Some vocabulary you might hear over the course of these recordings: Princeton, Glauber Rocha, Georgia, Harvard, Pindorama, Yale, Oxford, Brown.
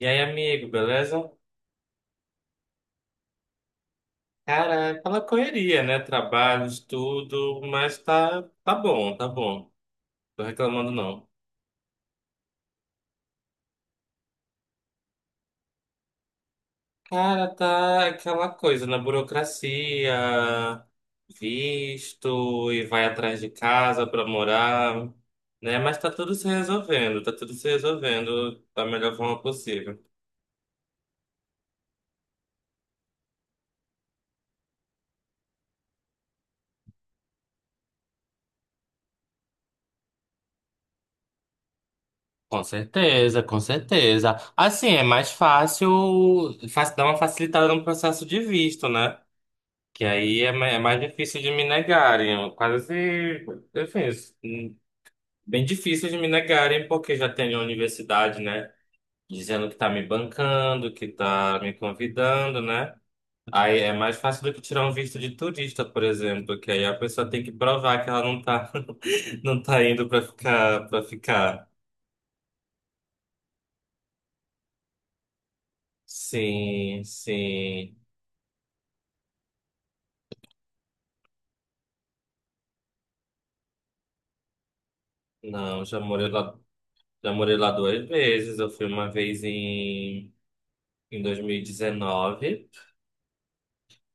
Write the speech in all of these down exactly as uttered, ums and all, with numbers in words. E aí, amigo, beleza? Cara, é aquela correria, né? Trabalho, estudo, mas tá, tá bom, tá bom. Tô reclamando não. Cara, tá aquela coisa na burocracia, visto e vai atrás de casa pra morar, né? Mas tá tudo se resolvendo, tá tudo se resolvendo da melhor forma possível. Com certeza, com certeza. Assim, é mais fácil, fácil dar uma facilitada no processo de visto, né? Que aí é ma- é mais difícil de me negarem, quase, enfim, bem difícil de me negarem, porque já tem a universidade, né? Dizendo que tá me bancando, que tá me convidando, né? Aí é mais fácil do que tirar um visto de turista, por exemplo, que aí a pessoa tem que provar que ela não tá, não tá indo pra ficar, para ficar. Sim, sim. Não, já morei lá, já morei lá duas vezes. Eu fui uma vez em, em dois mil e dezenove,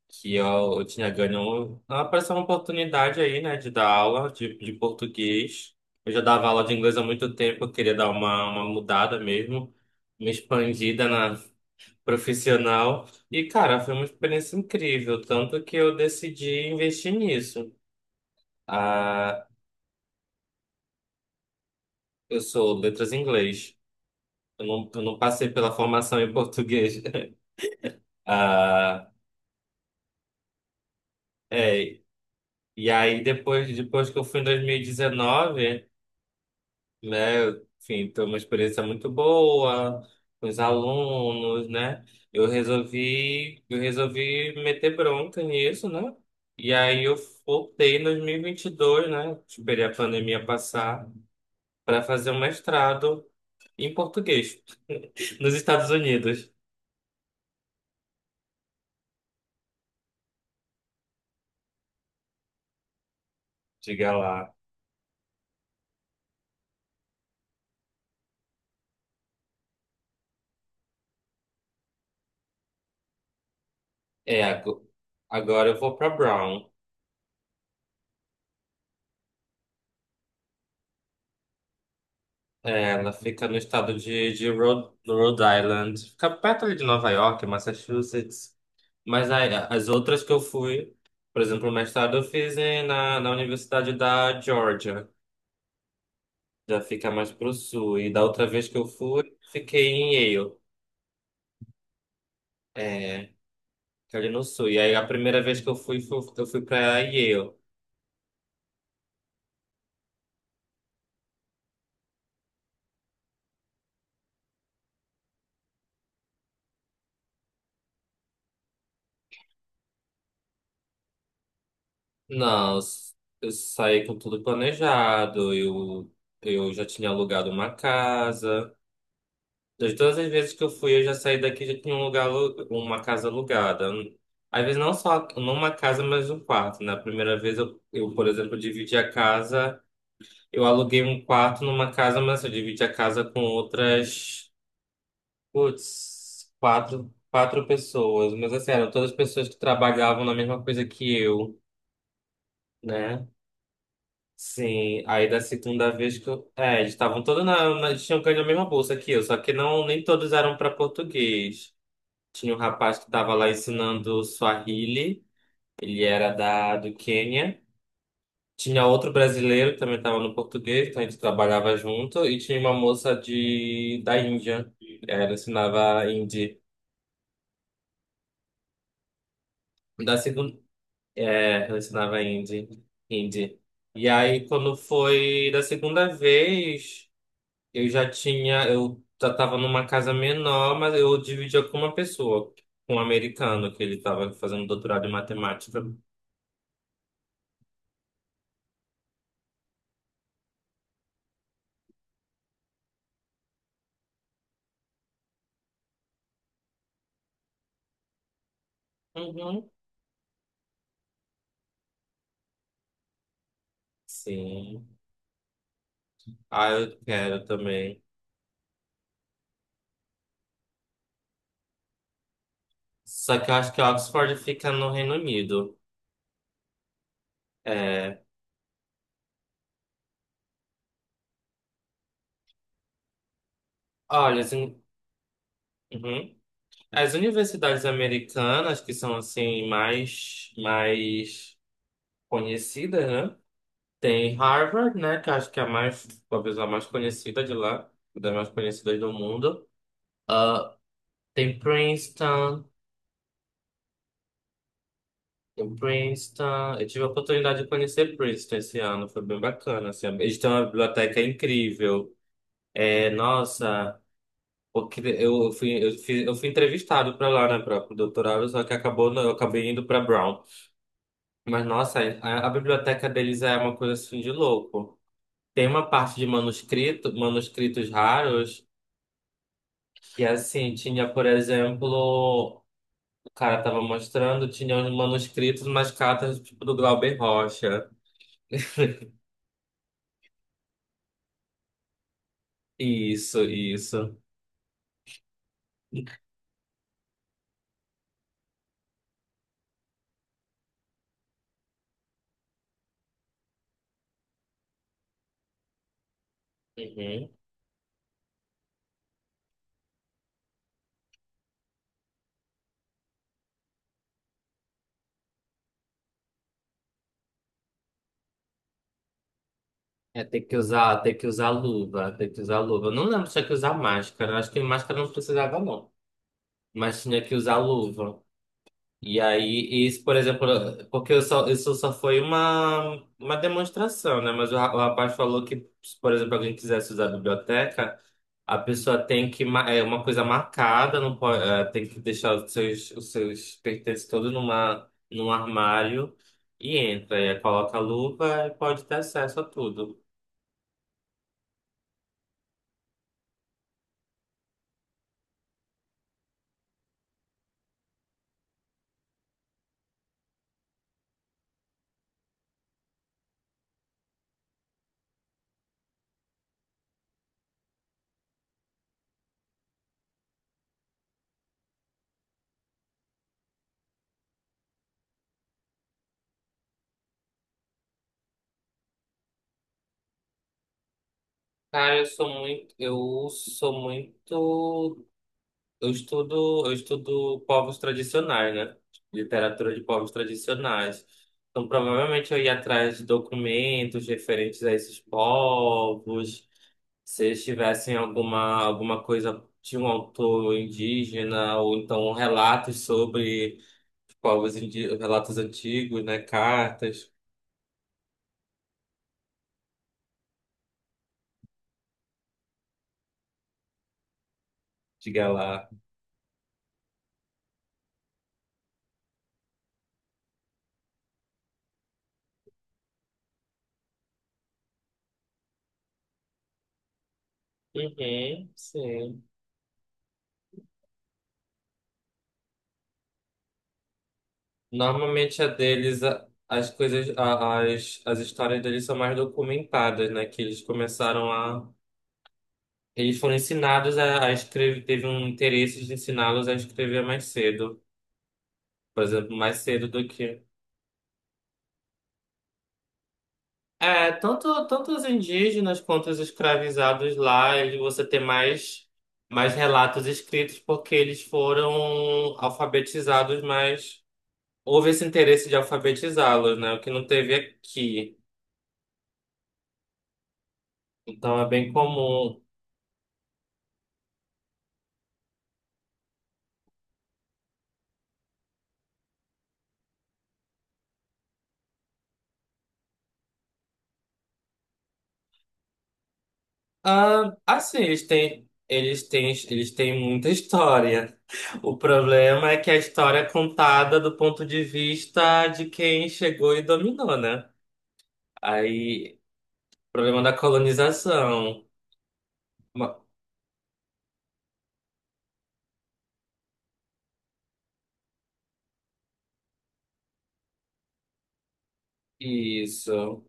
que eu, eu tinha ganho. Apareceu uma oportunidade aí, né, de dar aula de, de português. Eu já dava aula de inglês há muito tempo, eu queria dar uma, uma mudada mesmo, uma expandida na profissional. E, cara, foi uma experiência incrível, tanto que eu decidi investir nisso. Ah, eu sou letras em inglês. Eu não, eu não passei pela formação em português. Ah, é. E aí, depois, depois que eu fui em dois mil e dezenove, né? Eu, Enfim, foi uma experiência muito boa com os alunos, né? Eu resolvi, eu resolvi meter bronca nisso, né? E aí eu voltei em dois mil e vinte e dois, né? Esperei a pandemia passar para fazer um mestrado em português nos Estados Unidos, diga lá. É, ago- agora eu vou para Brown. É, ela fica no estado de, de Rhode, Rhode Island, fica perto ali de Nova York, Massachusetts. Mas a- as outras que eu fui, por exemplo, o mestrado eu fiz em- na, na Universidade da Georgia, já fica mais pro sul. E da outra vez que eu fui, fiquei em Yale, é, que é ali no sul. E aí a primeira vez que eu fui, fui- eu fui pra Yale. Não, eu s- eu saí com tudo planejado, eu, eu já tinha alugado uma casa. De todas as vezes que eu fui, eu já saí daqui, já tinha um lugar, alu- uma casa alugada. Às vezes não só numa casa, mas um quarto. Na primeira vez eu, eu, por exemplo, dividi a casa, eu aluguei um quarto numa casa, mas eu dividi a casa com outras, putz, quatro, quatro pessoas. Mas assim, eram todas pessoas que trabalhavam na mesma coisa que eu, né? Sim, aí da segunda vez que eu. É, eles estavam todos na, na. Eles tinham ganho a mesma bolsa que eu, só que não, nem todos eram para português. Tinha um rapaz que estava lá ensinando Swahili, ele era da, do Quênia. Tinha outro brasileiro que também estava no português, então a gente trabalhava junto. E tinha uma moça de, da Índia, ela ensinava hindi. Da segunda, é, ela ensinava hindi, hindi. E aí, quando foi da segunda vez, eu já tinha, eu já estava numa casa menor, mas eu dividia com uma pessoa, com um americano, que ele estava fazendo doutorado em matemática. Uhum. Sim. Ah, eu quero também. Só que eu acho que Oxford fica no Reino Unido. É, olha, as, uni- uhum. As universidades americanas, que são assim mais, mais conhecidas, né? Tem Harvard, né? Que eu acho que é a mais, talvez a mais conhecida de lá, uma das mais conhecidas do mundo. Ah, tem Princeton, tem Princeton. Eu tive a oportunidade de conhecer Princeton esse ano, foi bem bacana, assim. Eles têm uma biblioteca incrível. É, nossa, o que- eu fui, eu fui, eu fui entrevistado para lá, né, para o doutorado, só que acabou, eu acabei indo para Brown. Mas, nossa, a, a biblioteca deles é uma coisa assim de louco. Tem uma parte de manuscrito, manuscritos raros, que assim, tinha, por exemplo, o cara tava mostrando, tinha uns manuscritos, umas cartas tipo do Glauber Rocha. Isso, isso. Uhum. É, tem que usar, tem que usar luva, tem que usar luva. Eu não lembro se tinha que usar máscara. Acho que máscara não precisava, não. Mas tinha que usar luva. E aí, isso, por exemplo, porque eu só, isso só foi uma, uma demonstração, né? Mas o, ra- o rapaz falou que, se, por exemplo, alguém quisesse usar a biblioteca, a pessoa tem que, ma- é uma coisa marcada, não pode, é, tem que deixar os seus, os seus pertences todos numa, num armário e entra. E aí coloca a luva e pode ter acesso a tudo. Cara, eu sou muito, eu sou muito, eu estudo, eu estudo povos tradicionais, né? Literatura de povos tradicionais. Então, provavelmente eu ia atrás de documentos referentes a esses povos, se eles tivessem alguma alguma coisa de um autor indígena ou então relatos sobre os povos indi- relatos antigos, né? Cartas, diga lá. Uhum, sim. Normalmente a deles, a- as coisas, a- as, as histórias deles são mais documentadas, né? Que eles começaram a. Eles foram ensinados a, a escrever, teve um interesse de ensiná-los a escrever mais cedo. Por exemplo, mais cedo do que. É, tanto, tanto os indígenas quanto os escravizados lá, ele, você tem mais, mais relatos escritos porque eles foram alfabetizados, mas houve esse interesse de alfabetizá-los, né? O que não teve aqui. Então é bem comum. Ah, assim, eles têm, eles têm, eles têm muita história. O problema é que a história é contada do ponto de vista de quem chegou e dominou, né? Aí, problema da colonização. Ma- Isso.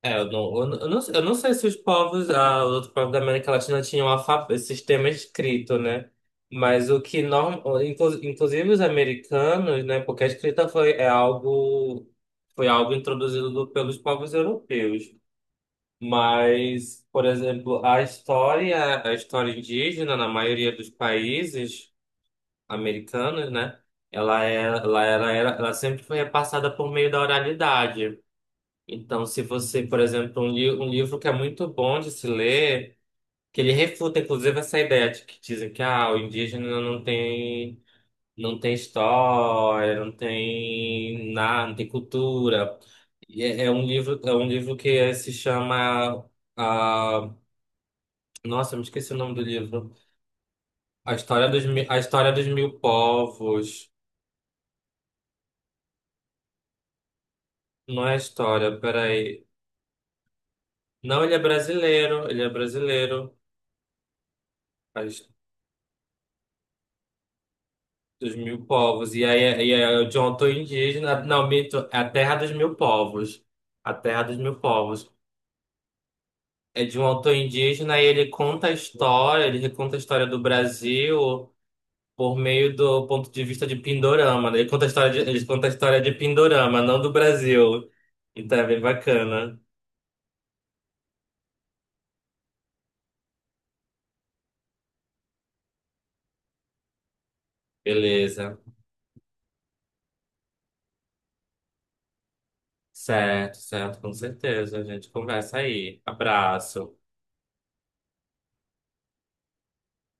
É, eu não, eu não, eu não sei eu não sei se os povos, ah, os outros povos da América Latina tinham alfabeto, sistema escrito, né? Mas o que, norm, inclu- inclusive os americanos, né? Porque a escrita foi, é algo, foi algo introduzido do- pelos povos europeus. Mas, por exemplo, a história, a história indígena, na maioria dos países americanos, né? Ela, é, ela, era, era- ela sempre foi repassada por meio da oralidade. Então, se você, por exemplo, um, li um livro que é muito bom de se ler, que ele refuta, inclusive, essa ideia de que dizem que ah, o indígena não tem, não tem história, não tem nada, não tem cultura. E É, é um livro, é um livro que se chama ah, nossa, eu me esqueci o nome do livro. A história dos, Mi- a história dos mil povos. Não é a história, peraí. Não, ele é brasileiro, ele é brasileiro. Dos mil povos. E aí, e aí o John Tô indígena. Não, mito, é a terra dos mil povos. A terra dos mil povos. É de um autor indígena e ele conta a história, ele reconta a história do Brasil por meio do ponto de vista de Pindorama, né? Ele conta a história de, ele conta a história de Pindorama, não do Brasil. Então é bem bacana. Beleza. Certo, certo, com certeza. A gente conversa aí. Abraço.